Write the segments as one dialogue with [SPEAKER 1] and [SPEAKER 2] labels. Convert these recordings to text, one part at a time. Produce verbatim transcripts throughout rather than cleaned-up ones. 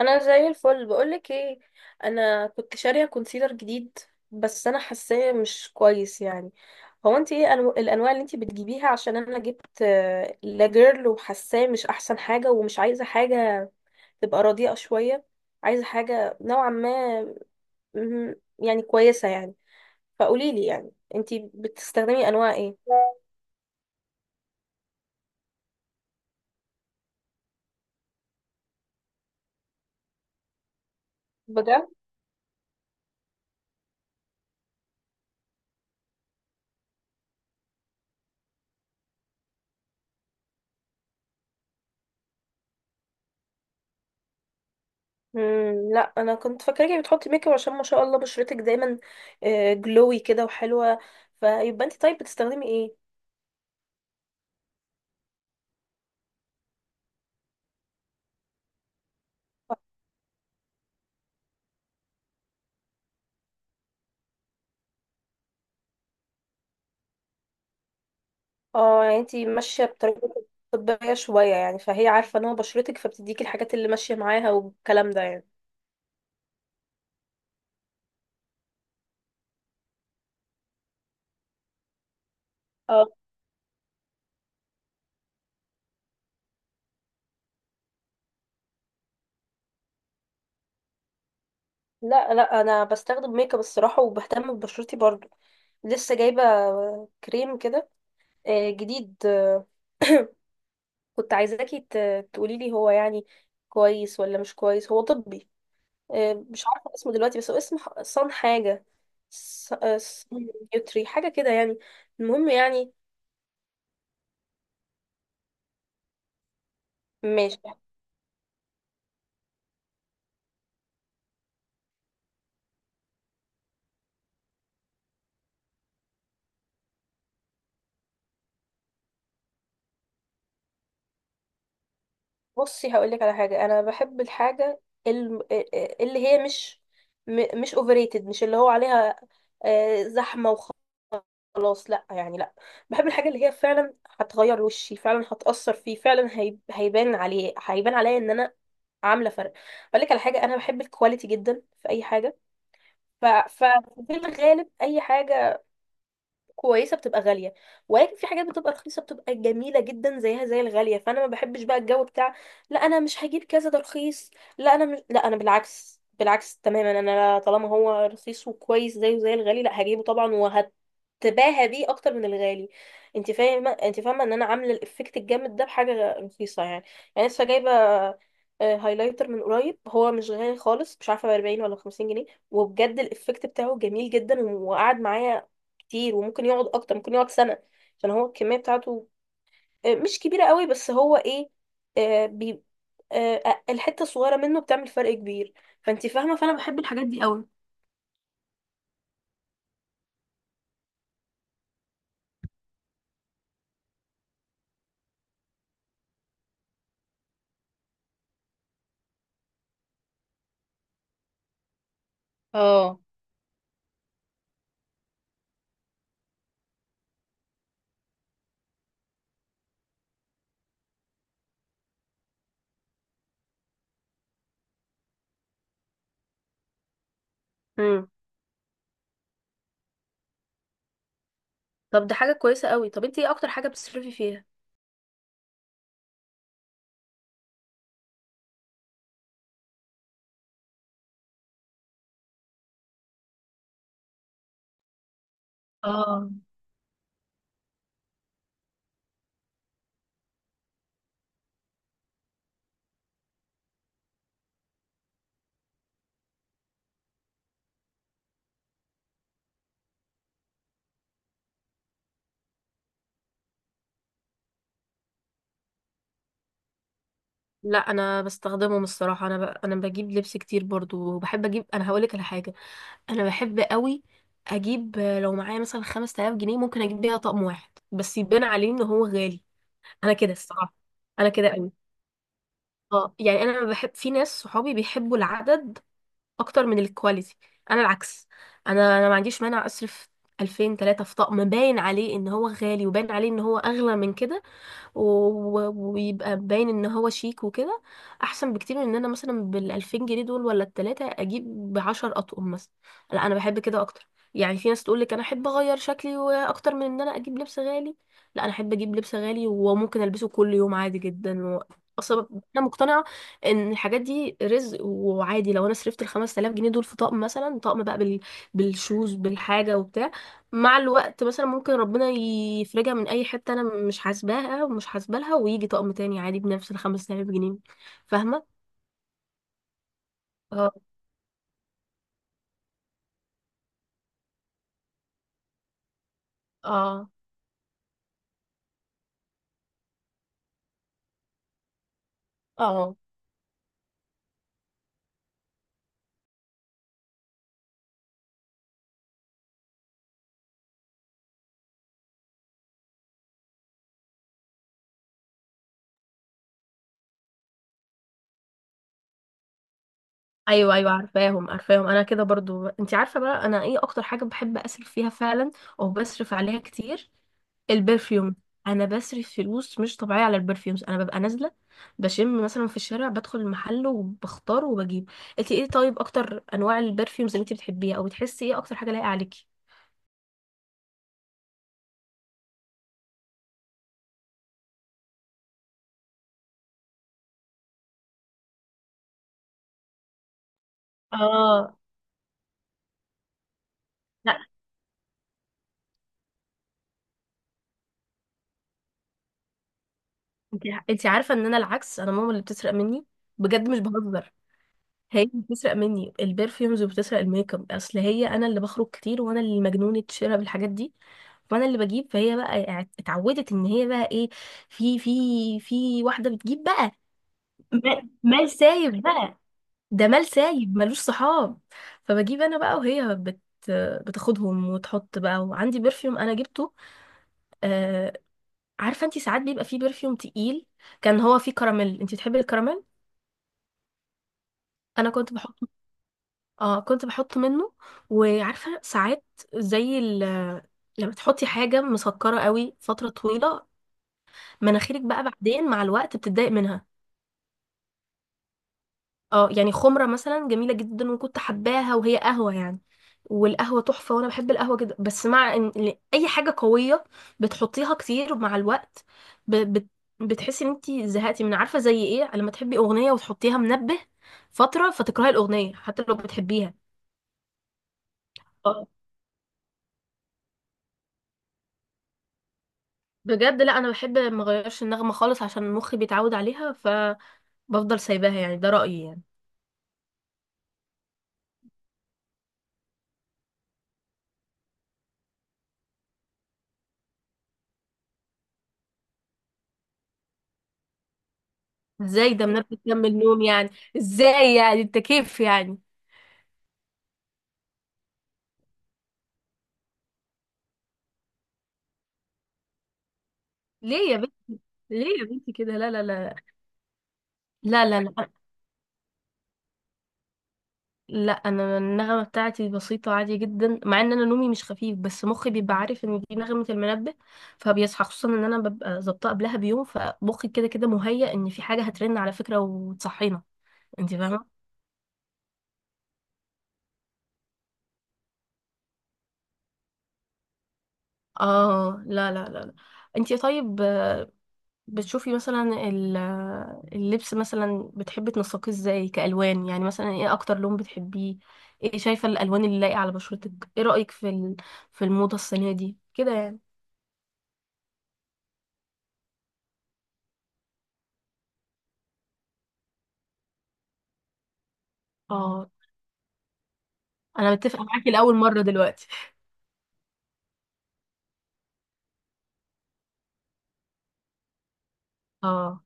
[SPEAKER 1] انا زي الفل، بقولك ايه. انا كنت شارية كونسيلر جديد، بس انا حاساه مش كويس يعني. هو انت ايه أنو... الانواع اللي انت بتجيبيها؟ عشان انا جبت آه، لاجيرل، وحاساه مش احسن حاجة، ومش عايزة حاجة تبقى رديئة شوية. عايزة حاجة نوعا ما مهم، يعني كويسة يعني. فقوليلي يعني انت بتستخدمي انواع ايه؟ بجد. مم، لا انا كنت فاكراكي بتحطي ميك اب عشان ما شاء الله بشرتك دايما جلوي كده وحلوه. فيبقى انت طيب بتستخدمي ايه؟ اه، يعني انت ماشيه بطريقه طبيه شويه يعني، فهي عارفه نوع بشرتك فبتديكي الحاجات اللي ماشيه معاها والكلام ده يعني. اه. لا لا، انا بستخدم ميك اب الصراحه، وبهتم ببشرتي برضو. لسه جايبه كريم كده، آه، جديد آه، كنت عايزاكي تقولي لي، هو يعني كويس ولا مش كويس؟ هو طبي. آه، مش عارفة اسمه دلوقتي، بس هو اسم ح- صن حاجة. ص- آه، صن يوتري حاجة كده يعني. المهم يعني. ماشي. بصي، هقولك على حاجة. أنا بحب الحاجة الم- آه، آه، اللي هي مش م- مش overrated، مش اللي هو عليها آه، زحمة، وخلاص. لأ يعني لأ. بحب الحاجة اللي هي فعلا هتغير وشي، فعلا هتأثر فيه فعلا، هي- هيبان عليه، هيبان عليا إن أنا عامله فرق. اقول لك على حاجه، انا بحب الكواليتي جدا في اي حاجه. ف... ف- في الغالب اي حاجه كويسه بتبقى غاليه، ولكن في حاجات بتبقى رخيصه بتبقى جميله جدا، زيها زي الغاليه. فانا ما بحبش بقى الجو بتاع لا انا مش هجيب كذا ده رخيص. لا انا مش، لا انا بالعكس، بالعكس تماما. انا طالما هو رخيص وكويس زيه زي الغالي، لا هجيبه طبعا وهتباهى بيه اكتر من الغالي. انت فاهمه انت فاهمه ان انا عامله الافكت الجامد ده بحاجه رخيصه يعني. يعني لسه جايبه آه، هايلايتر من قريب، هو مش غالي خالص، مش عارفه ب أربعين ولا خمسين جنيه، وبجد الافكت بتاعه جميل جدا، وقعد معايا كتير وممكن يقعد اكتر، ممكن يقعد سنة، عشان هو الكمية بتاعته آه، مش كبيرة قوي، بس هو ايه، آه، بي آه، آه، الحتة الصغيرة منه بتعمل فرق كبير. فانت فاهمة، فانا بحب الحاجات دي قوي. اه. امم. طب ده حاجة كويسة قوي. طب انت ايه اكتر حاجة بتصرفي فيها؟ اه. لا انا بستخدمهم الصراحه. انا ب... انا بجيب لبس كتير برضو، وبحب اجيب. انا هقولك على حاجه، انا بحب قوي اجيب، آه، لو معايا مثلا خمس تلاف جنيه، ممكن اجيب بيها طقم واحد بس، يبان عليه ان هو غالي. انا كده الصراحه، انا كده قوي. اه يعني انا بحب. في ناس صحابي بيحبوا العدد اكتر من الكواليتي، انا العكس. انا انا ما عنديش مانع اصرف ألفين تلاتة في طقم باين عليه ان هو غالي، وباين عليه ان هو اغلى من كده، و- ويبقى باين ان هو شيك وكده، احسن بكتير من ان انا مثلا بالألفين جنيه دول ولا التلاتة اجيب بعشر اطقم مثلا. لا انا بحب كده اكتر. يعني في ناس تقولك انا احب اغير شكلي واكتر من ان انا اجيب لبس غالي، لا انا احب اجيب لبس غالي، وممكن البسه كل يوم عادي جدا و... اصلا انا مقتنعه ان الحاجات دي رزق، وعادي لو انا صرفت ال خمس تلاف جنيه دول في طقم مثلا، طقم بقى بال... بالشوز بالحاجه وبتاع، مع الوقت مثلا ممكن ربنا يفرجها من اي حته انا مش حاسباها ومش حاسبه لها، ويجي طقم تاني عادي بنفس ال خمسة آلاف جنيه. فاهمه؟ اه. اه. اه. ايوه ايوه، عارفاهم عارفاهم. انا كده برضو. انت عارفه بقى انا ايه اكتر حاجه بحب اصرف فيها فعلا، او بصرف عليها كتير؟ البرفيوم. انا بصرف فلوس مش طبيعيه على البرفيومز. انا ببقى نازله بشم مثلا في الشارع، بدخل المحل وبختار وبجيب. انت ايه طيب اكتر انواع البرفيومز اللي انت بتحبيها، او بتحسي ايه اكتر حاجه لايقه عليكي؟ اه. لا. انت انت عارفه ان انا العكس؟ انا ماما اللي بتسرق مني، بجد مش بهزر. هي اللي بتسرق مني البرفيومز، وبتسرق الميك اب، اصل هي، انا اللي بخرج كتير، وانا اللي مجنونه شراء بالحاجات دي، وانا اللي بجيب، فهي بقى اع- اتعودت ان هي بقى ايه، في في في واحده بتجيب بقى. مال مال سايب بقى، ده مال سايب ملوش صحاب. فبجيب انا بقى، وهي بت بتاخدهم وتحط بقى. وعندي برفيوم انا جبته، آه، عارفه انتي ساعات بيبقى فيه برفيوم تقيل، كان هو فيه كراميل. انتي بتحبي الكراميل؟ انا كنت بحط، اه كنت بحط منه. وعارفه ساعات زي ال... لما تحطي حاجه مسكره قوي فتره طويله، مناخيرك بقى بعدين مع الوقت بتتضايق منها. اه، يعني خمرة مثلا جميلة جدا وكنت حباها، وهي قهوة يعني. والقهوة تحفة، وانا بحب القهوة جدا. بس مع ان ل- اي حاجة قوية بتحطيها كتير، مع الوقت ب... بت... بتحسي ان انتي زهقتي من عارفة زي ايه لما تحبي اغنية وتحطيها منبه فترة، فتكرهي الاغنية حتى لو بتحبيها. اه. بجد. لا انا بحب ما اغيرش النغمة خالص، عشان مخي بيتعود عليها فبفضل سايباها يعني، ده رأيي يعني. ازاي ده منبه كمل نوم يعني؟ ازاي يعني، انت كيف يعني؟ ليه يا، ليه يا بنتي كده؟ لا لا لا، لا لا لا لا. انا النغمه بتاعتي بسيطه عادي جدا، مع ان انا نومي مش خفيف، بس مخي بيبقى عارف ان دي نغمه المنبه فبيصحى. خصوصا ان انا ببقى ظابطه قبلها بيوم، فمخي كده كده مهيأ ان في حاجه هترن على فكره وتصحينا. انت فاهمه؟ اه. لا لا لا، لا. انت طيب بتشوفي مثلا ال- اللبس مثلا بتحبي تنسقيه ازاي كألوان؟ يعني مثلا ايه اكتر لون بتحبيه؟ ايه شايفة الألوان اللي لايقة على بشرتك؟ ايه رأيك في ال- في الموضة السنة دي كده يعني؟ اه. انا متفقة معاكي لأول مرة دلوقتي. اه.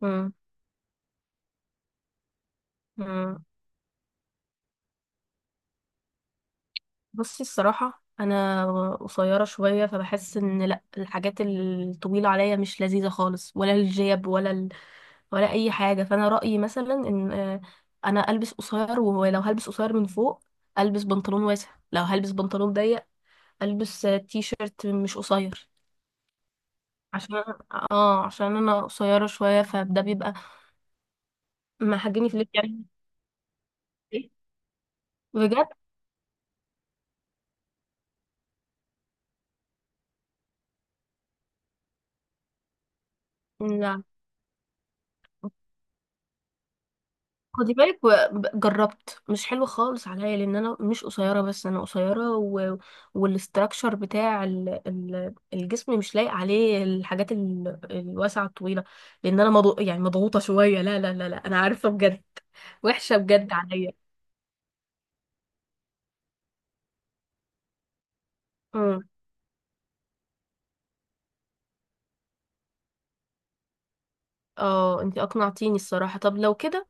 [SPEAKER 1] مم. مم. بصي الصراحة، أنا قصيرة شوية فبحس إن لأ، الحاجات الطويلة عليا مش لذيذة خالص، ولا الجيب، ولا ولا اي حاجه. فانا رايي مثلا ان آه، انا البس قصير، ولو هلبس قصير من فوق البس بنطلون واسع، لو هلبس بنطلون ضيق البس آه، تي شيرت مش قصير. عشان، اه عشان انا قصيره شويه، فده بيبقى محجني في اللبس يعني. إيه؟ بجد. لا خدي بالك، و- جربت، مش حلو خالص عليا، لان انا مش قصيره بس، انا قصيره و... والاستراكشر بتاع ال... ال... الجسم مش لايق عليه الحاجات ال... الواسعه الطويله، لان انا مضغ... يعني مضغوطه شويه. لا لا لا لا، انا عارفه بجد، وحشه بجد عليا. امم. اه انتي اقنعتيني الصراحه. طب لو كده،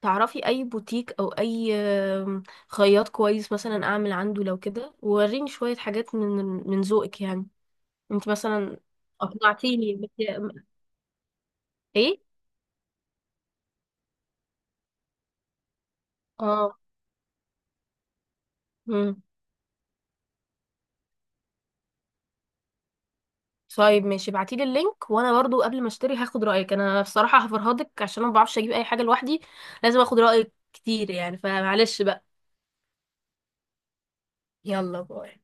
[SPEAKER 1] تعرفي اي بوتيك او اي آم، خياط كويس مثلا اعمل عنده لو كده، ووريني شويه حاجات من من ذوقك يعني، انت مثلا. اقنعتيني. ايه. اه. امم. طيب ماشي، ابعتيلي اللينك. وانا برضو قبل ما اشتري هاخد رايك. انا بصراحه هفرهدك، عشان أنا ما بعرفش اجيب اي حاجه لوحدي، لازم اخد رايك كتير يعني. فمعلش بقى. يلا باي.